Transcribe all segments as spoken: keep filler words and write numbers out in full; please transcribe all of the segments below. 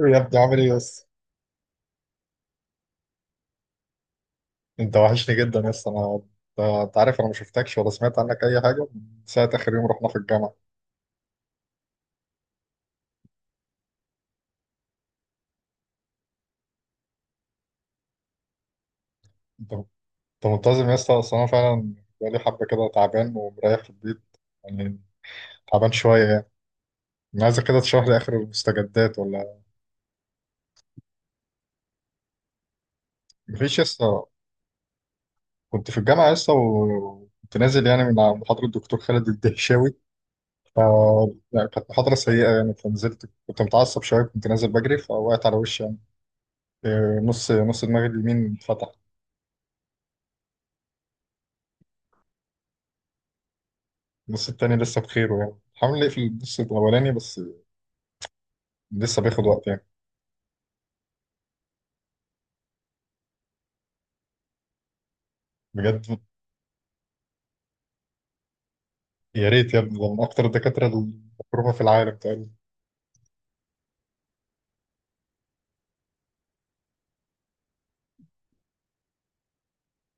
يا ابني، عامل ايه يس؟ انت وحشني جدا يس. انا انت أنت عارف انا ما شفتكش ولا سمعت عنك اي حاجه من ساعه اخر يوم رحنا في الجامعه. انت انت منتظم يس؟ اصل انا فعلا بقالي حبه كده تعبان ومريح في البيت يعني، تعبان شويه يعني. انا عايزك كده تشرح لي اخر المستجدات ولا؟ مفيش يس. كنت في الجامعه يس، وكنت نازل يعني من على محاضره الدكتور خالد الدهشاوي. ف يعني كانت محاضره سيئه يعني، فنزلت كنت متعصب شويه، كنت نازل بجري فوقعت على وشي يعني. إيه، نص نص دماغي اليمين اتفتح. النص التاني لسه بخيره يعني، حاول نقفل النص الأولاني بس لسه بياخد وقت يعني. بجد؟ يا ريت يا ابني، ده من أكتر الدكاترة المكروهة في العالم تقريبا.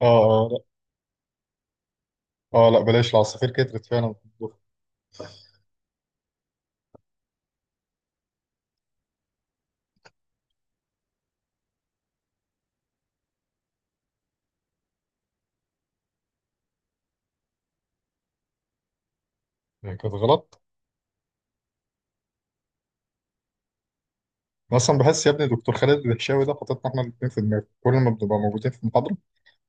اه، اه، لا. اه، لا، بلاش، العصافير كترت فعلا في الدفعة. يعني كانت غلط. أنا أصلا بحس يا ابني دكتور خالد الهشاوي ده حاططنا احنا الاتنين في دماغه، كل ما بنبقى موجودين في المحاضرة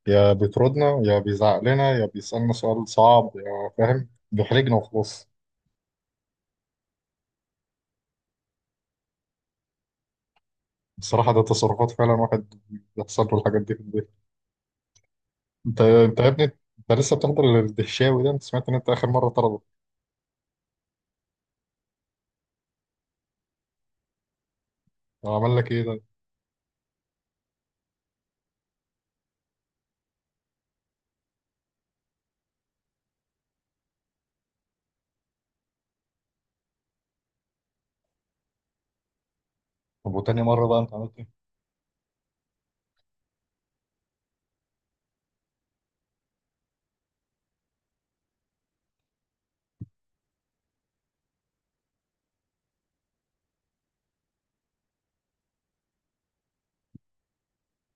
يا بيطردنا يا بيزعق لنا يا بيسألنا سؤال صعب يا فاهم بيحرجنا وخلاص. بصراحة ده تصرفات فعلا واحد بيحصل له الحاجات دي في البيت. انت انت يا ابني، انت لسه بتحضر الدهشاوي ده؟ انت سمعت ان انت اخر مره طرده؟ هو عمل لك ايه ده؟ طب وتاني مرة بقى انت عملت ايه؟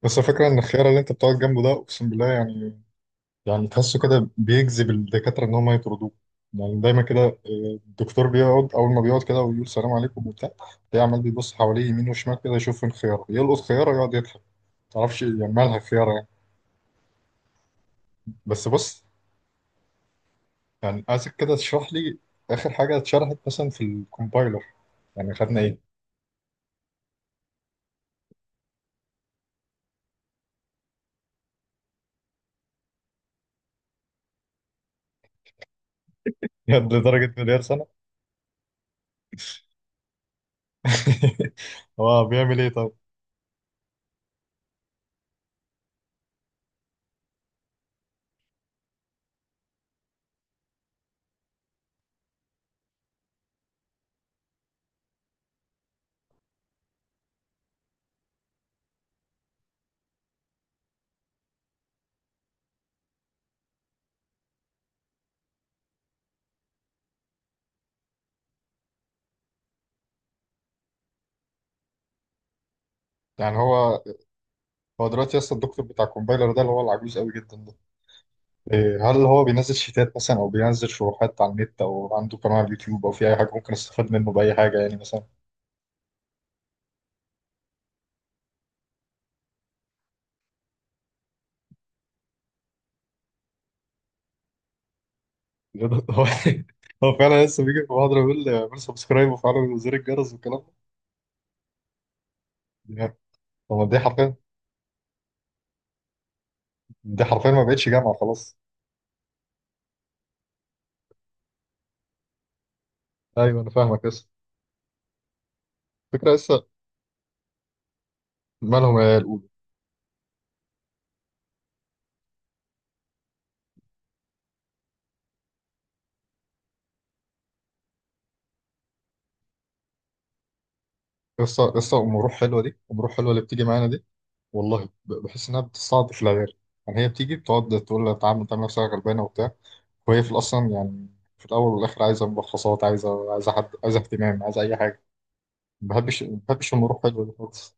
بس الفكره ان الخيار اللي انت بتقعد جنبه ده، اقسم بالله يعني، يعني تحسه كده بيجذب الدكاتره ان هم يطردوه. يعني دايما كده. اه، الدكتور بيقعد اول ما بيقعد كده ويقول سلام عليكم وبتاع، تلاقيه عمال بيبص حواليه يمين وشمال كده يشوف فين خياره، يلقط خياره يقعد يضحك. معرفش يعني مالها خياره يعني. بس بص، يعني عايزك كده تشرح لي اخر حاجه اتشرحت مثلا في الكومبايلر، يعني خدنا ايه؟ يد لدرجه مليار سنه. هو بيعمل ايه طب؟ يعني هو، هو دلوقتي اصلا الدكتور بتاع الكومبايلر ده اللي هو العجوز قوي جدا ده، إيه، هل هو بينزل شيتات مثلا او بينزل شروحات على النت او عنده قناة على اليوتيوب او في اي حاجه ممكن استفاد منه باي حاجه يعني مثلا؟ هو هو فعلا لسه بيجي في محاضره يقول اعمل سبسكرايب وفعلا زر الجرس والكلام ده يعني. طب ما دي حرفيا، دي حرفيا ما بقتش جامعه خلاص. ايوه انا فاهمك. لسه فكرة. لسه مالهم يا الأولى، لسه لسه أم روح حلوة دي، أم روح حلوة اللي بتيجي معانا دي والله، ب- بحس انها بتستعطف العيال يعني. هي بتيجي بتقعد تقول لها تعالى، تعمل نفسها غلبانه وبتاع، وهي في الاصلا يعني في الاول والاخر عايزه ملخصات، عايزه، عايزه حد، عايزه اهتمام، عايزه اي حاجه. ما بحبش ما بحبش المروح حلوه دي خالص.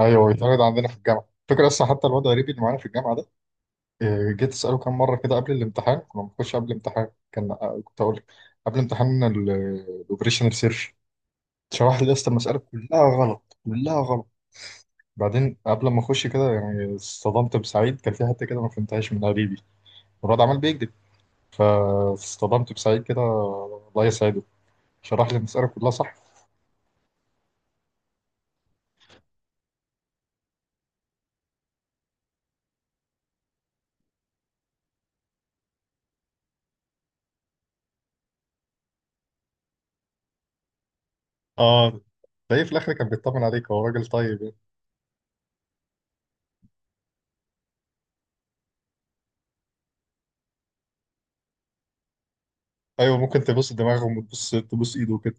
ايوه بيتعرض عندنا في الجامعه فكرة اصلا. حتى الواد غريبي اللي معانا في الجامعه ده، آه، جيت اساله كام مره كده قبل الامتحان، كنا بنخش قبل الامتحان كان، آه، كنت اقول لك قبل امتحان الاوبريشنال سيرش شرح لي يا اسطى المساله كلها غلط، كلها غلط. بعدين قبل ما اخش كده يعني اصطدمت بسعيد، كان في حته كده ما فهمتهاش من قريبي مراد عمال بيكذب، فاصطدمت بسعيد كده الله يسعده شرح لي المساله كلها صح. اه تلاقيه في الاخر كان بيطمن عليك، هو راجل طيب يعني. ايوه، ممكن تبص دماغهم وتبص تبص ايده وكده.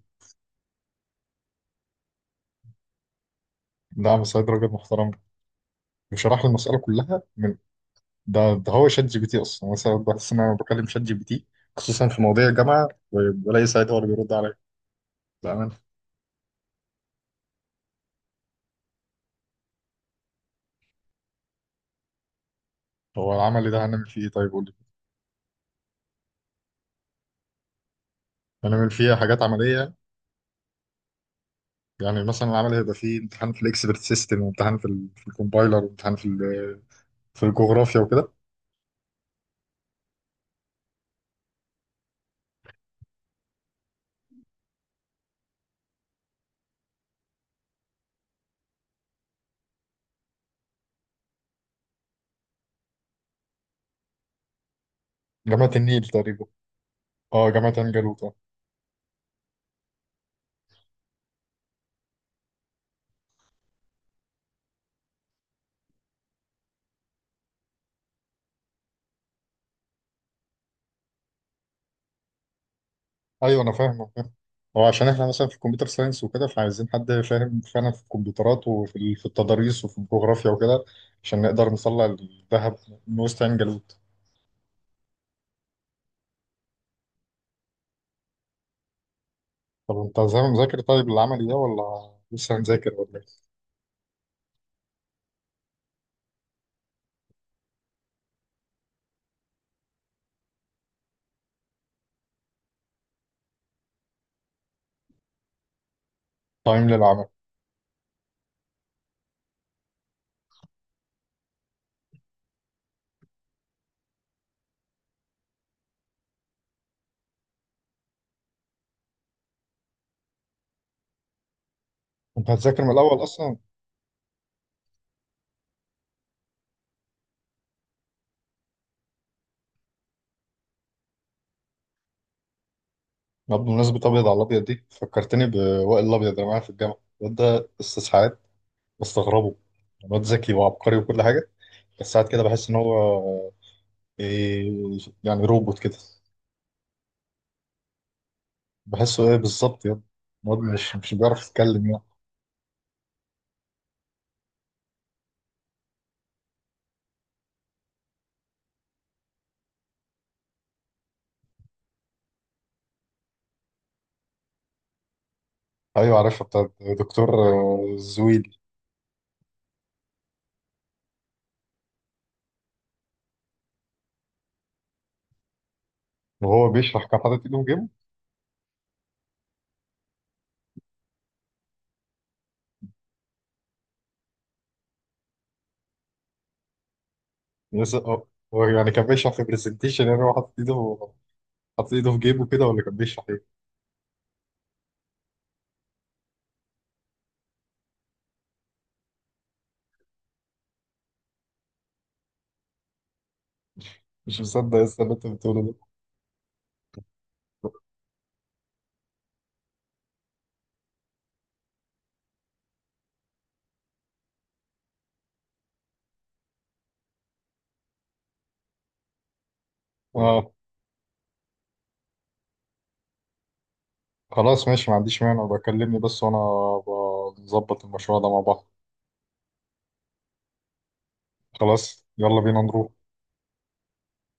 نعم سعيد راجل محترم، وشرح لي المساله كلها من. ده ده هو شات جي بي تي اصلا، مثلا بحس ان انا بكلم شات جي بي تي، خصوصا في مواضيع الجامعه، وبلاقي سعيد هو اللي بيرد عليا بامانه. هو العمل ده هنعمل فيه ايه طيب؟ قول لي. هنعمل فيه حاجات عمليه، يعني مثلا العمل هيبقى فيه امتحان في الاكسبرت سيستم، وامتحان في ال في الكومبايلر، وامتحان في ال في الجغرافيا وكده. جامعة النيل تقريبا. اه جامعة عين جالوت اه. ايوه انا فاهم، أنا فاهم. هو عشان احنا مثلا في الكمبيوتر ساينس وكده، فعايزين حد فاهم فعلا في الكمبيوترات وفي ال- في التضاريس وفي الجغرافيا وكده عشان نقدر نطلع الذهب من وسط عين جالوت. طب انت زي ما مذاكر طيب العملي ده ولا لسه هنذاكر ولا ايه؟ تايم للعمل. انت هتذاكر من الاول اصلا؟ طب بمناسبة أبيض على الأبيض دي، فكرتني بوائل الأبيض اللي معايا في الجامعة. الواد ده أستاذ ساعات، بستغربه. الواد ذكي وعبقري وكل حاجة، بس ساعات كده بحس إن هو إيه، يعني روبوت كده. بحسه إيه بالظبط يا، الواد مش مش بيعرف يتكلم يعني. أيوة عارفها، بتاعت دكتور آه، زويل. وهو بيشرح كان حاطط إيده في جيبه. يس- آه، هو يعني كان بيشرح في برزنتيشن، يعني هو حاطط إيده حاطط إيده في جيبه كده، ولا كان بيشرح إيه؟ مش مصدق يا أستاذ اللي أنت بتقوله ده. آه. خلاص ماشي، ما عنديش مانع، بكلمني بس وانا بظبط المشروع ده مع بعض. خلاص يلا بينا نروح.